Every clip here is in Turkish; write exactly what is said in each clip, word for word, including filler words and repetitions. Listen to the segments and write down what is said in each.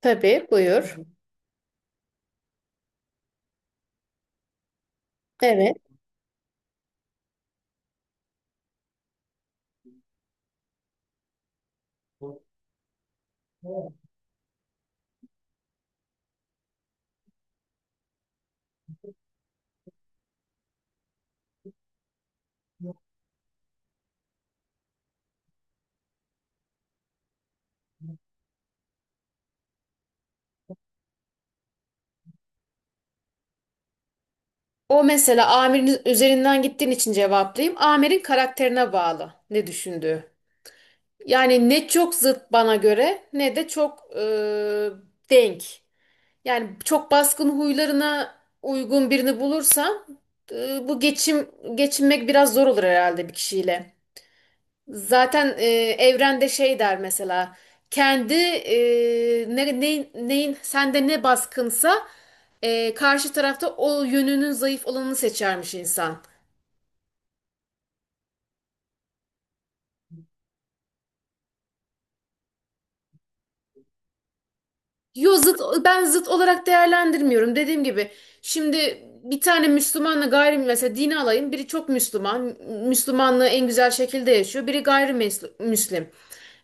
Tabii buyur. Evet. O mesela amirin üzerinden gittiğin için cevaplayayım. Amirin karakterine bağlı ne düşündüğü. Yani ne çok zıt bana göre ne de çok e, denk. Yani çok baskın huylarına uygun birini bulursam e, bu geçim geçinmek biraz zor olur herhalde bir kişiyle. Zaten e, evrende şey der mesela kendi e, ne, neyin, neyin sende ne baskınsa e, karşı tarafta o yönünün zayıf olanını seçermiş insan. Yo zıt ben zıt olarak değerlendirmiyorum. Dediğim gibi şimdi bir tane Müslümanla gayri mesela dini alayım. Biri çok Müslüman. Müslümanlığı en güzel şekilde yaşıyor. Biri gayrimüslim.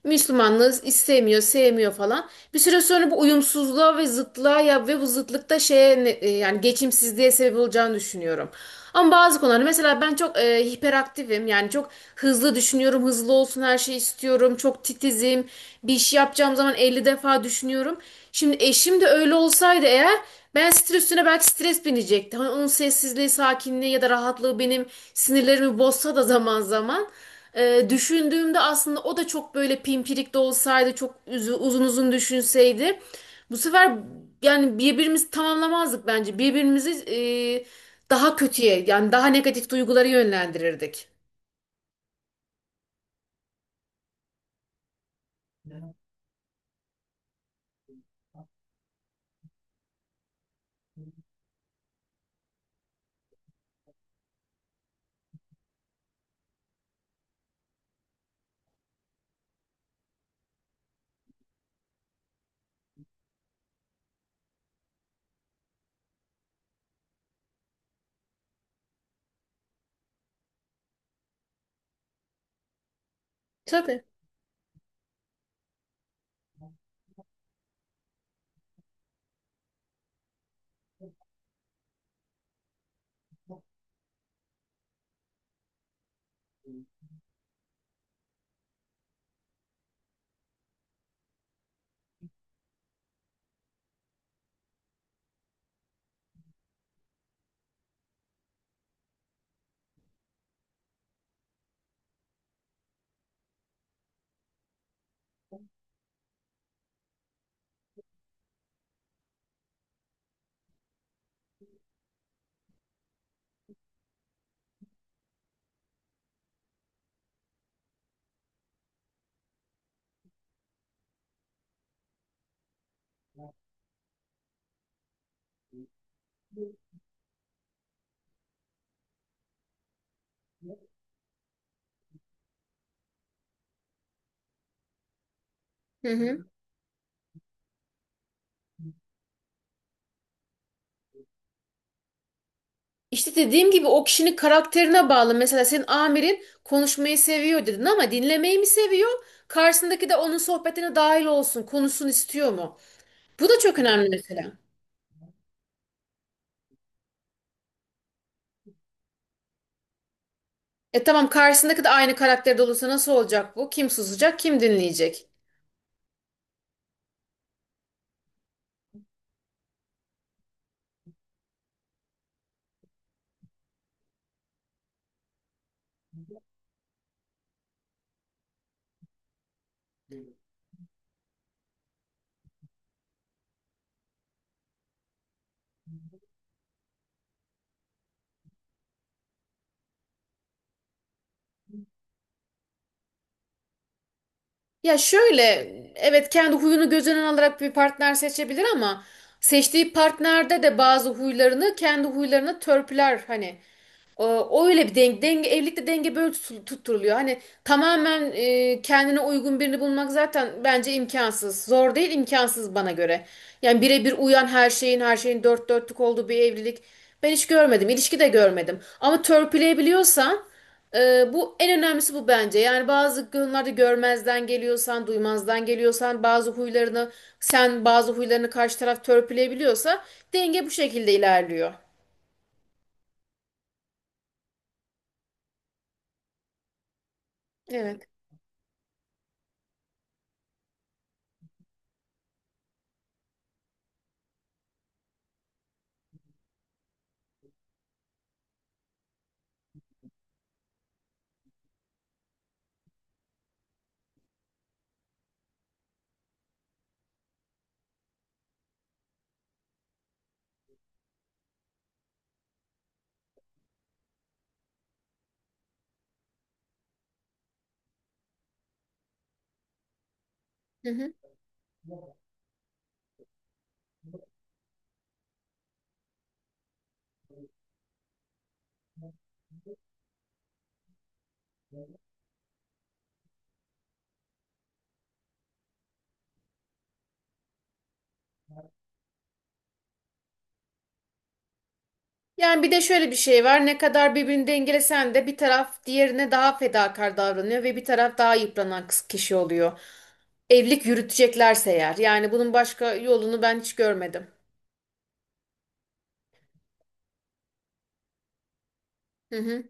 Müslümanlığı istemiyor, sevmiyor falan. Bir süre sonra bu uyumsuzluğa ve zıtlığa ya ve bu zıtlıkta şeye ne- e, yani geçimsizliğe sebep olacağını düşünüyorum. Ama bazı konularda mesela ben çok e, hiperaktifim. Yani çok hızlı düşünüyorum, hızlı olsun her şeyi istiyorum. Çok titizim. Bir iş yapacağım zaman elli defa düşünüyorum. Şimdi eşim de öyle olsaydı eğer ben stres üstüne belki stres binecekti. Hani onun sessizliği, sakinliği ya da rahatlığı benim sinirlerimi bozsa da zaman zaman. E, düşündüğümde aslında o da çok böyle pimpirik de olsaydı, çok üzü- uzun uzun düşünseydi. Bu sefer yani birbirimizi tamamlamazdık bence. Birbirimizi e, daha kötüye yani daha negatif duyguları yönlendirirdik. Tabii. Hı hı. İşte dediğim gibi o kişinin karakterine bağlı. Mesela senin amirin konuşmayı seviyor dedin ama dinlemeyi mi seviyor? Karşısındaki de onun sohbetine dahil olsun, konuşsun istiyor mu? Bu da çok önemli mesela. E tamam, karşısındaki de aynı karakterde olursa nasıl olacak bu? Kim susacak, kim dinleyecek? Ya şöyle, evet, kendi huyunu göz önüne alarak bir partner seçebilir ama seçtiği partnerde de bazı huylarını kendi huylarına törpüler hani. O, o öyle bir denge, denge evlilikte denge böyle tutul- tutturuluyor. Hani tamamen e, kendine uygun birini bulmak zaten bence imkansız. Zor değil, imkansız bana göre. Yani birebir uyan her şeyin, her şeyin dört dörtlük olduğu bir evlilik ben hiç görmedim. İlişki de görmedim. Ama törpüleyebiliyorsan e, bu en önemlisi bu bence. Yani bazı konularda görmezden geliyorsan, duymazdan geliyorsan, bazı huylarını sen bazı huylarını karşı taraf törpüleyebiliyorsa denge bu şekilde ilerliyor. Evet. Hı hı. Yani bir de şöyle bir şey var. Ne kadar birbirini dengelesen de bir taraf diğerine daha fedakar davranıyor ve bir taraf daha yıpranan kız- kişi oluyor. Evlilik yürüteceklerse eğer. Yani bunun başka yolunu ben hiç görmedim. Hı hı.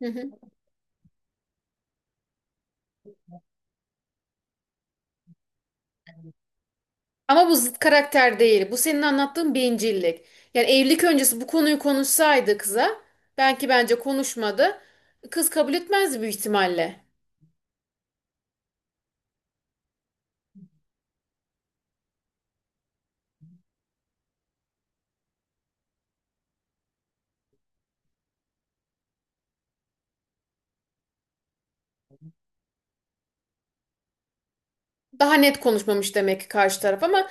Hı hı. Ama bu zıt karakter değil. Bu senin anlattığın bencillik. Yani evlilik öncesi bu konuyu konuşsaydı kıza, belki bence konuşmadı. Kız kabul etmezdi büyük ihtimalle. Daha net konuşmamış demek ki karşı taraf ama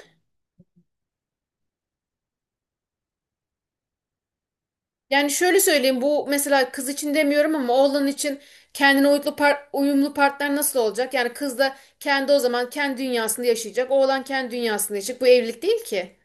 yani şöyle söyleyeyim, bu mesela kız için demiyorum ama oğlan için kendine uyumlu, par uyumlu partner nasıl olacak? Yani kız da kendi o zaman kendi dünyasında yaşayacak. Oğlan kendi dünyasında yaşayacak. Bu evlilik değil ki.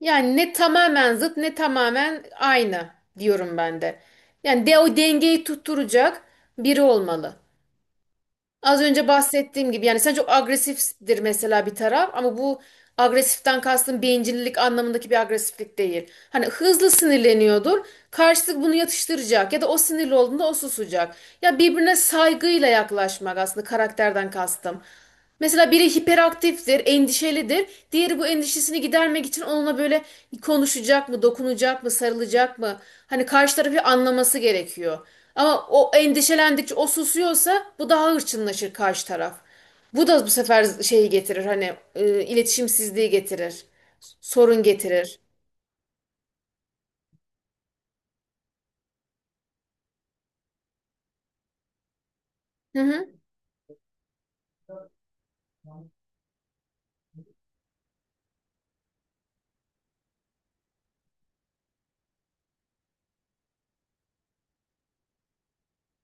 Yani ne tamamen zıt ne tamamen aynı diyorum ben de. Yani de o dengeyi tutturacak biri olmalı. Az önce bahsettiğim gibi yani sen çok agresiftir mesela bir taraf ama bu agresiften kastım bencillik anlamındaki bir agresiflik değil. Hani hızlı sinirleniyordur. Karşılık bunu yatıştıracak ya da o sinirli olduğunda o susacak. Ya birbirine saygıyla yaklaşmak aslında karakterden kastım. Mesela biri hiperaktiftir, endişelidir. Diğeri bu endişesini gidermek için onunla böyle konuşacak mı, dokunacak mı, sarılacak mı? Hani karşı tarafı anlaması gerekiyor. Ama o endişelendikçe o susuyorsa bu daha hırçınlaşır karşı taraf. Bu da bu sefer şeyi getirir, hani e, iletişimsizliği getirir, sorun getirir. Hı hı.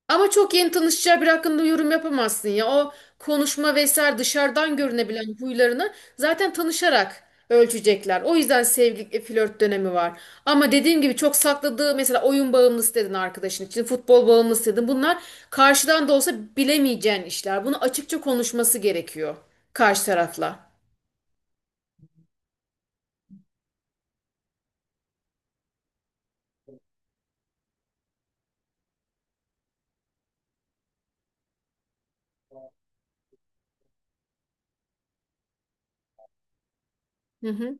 Ama çok yeni tanışacağı bir hakkında yorum yapamazsın ya. O konuşma vesaire dışarıdan görünebilen huylarını zaten tanışarak ölçecekler. O yüzden sevgili e, flört dönemi var. Ama dediğim gibi çok sakladığı, mesela oyun bağımlısı dedin arkadaşın için, futbol bağımlısı dedin. Bunlar karşıdan da olsa bilemeyeceğin işler. Bunu açıkça konuşması gerekiyor karşı tarafla. Hı hı.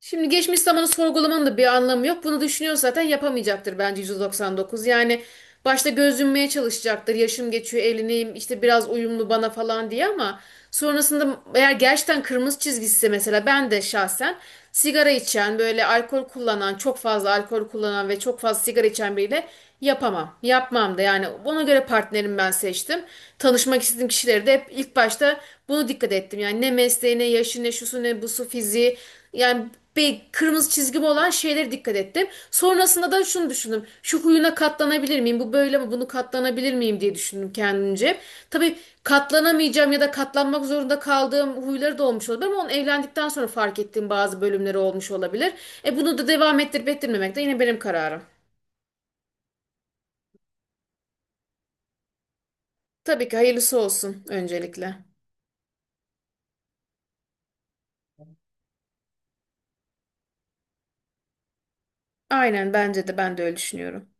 Şimdi geçmiş zamanı sorgulamanın da bir anlamı yok. Bunu düşünüyor zaten yapamayacaktır bence yüz doksan dokuz. Yani başta gözünmeye çalışacaktır. Yaşım geçiyor, evleneyim, işte biraz uyumlu bana falan diye ama sonrasında eğer gerçekten kırmızı çizgisi, mesela ben de şahsen sigara içen, böyle alkol kullanan, çok fazla alkol kullanan ve çok fazla sigara içen biriyle yapamam. Yapmam da, yani ona göre partnerimi ben seçtim. Tanışmak istediğim kişileri de hep ilk başta bunu dikkat ettim. Yani ne mesleği, ne yaşı, ne şusu, ne busu, fiziği. Yani bir kırmızı çizgim olan şeylere dikkat ettim. Sonrasında da şunu düşündüm. Şu huyuna katlanabilir miyim? Bu böyle mi? Bunu katlanabilir miyim diye düşündüm kendimce. Tabii katlanamayacağım ya da katlanmak zorunda kaldığım huyları da olmuş olabilir ama onu evlendikten sonra fark ettiğim bazı bölümleri olmuş olabilir. E bunu da devam ettirip ettirmemek de yine benim kararım. Tabii ki hayırlısı olsun öncelikle. Aynen, bence de ben de öyle düşünüyorum.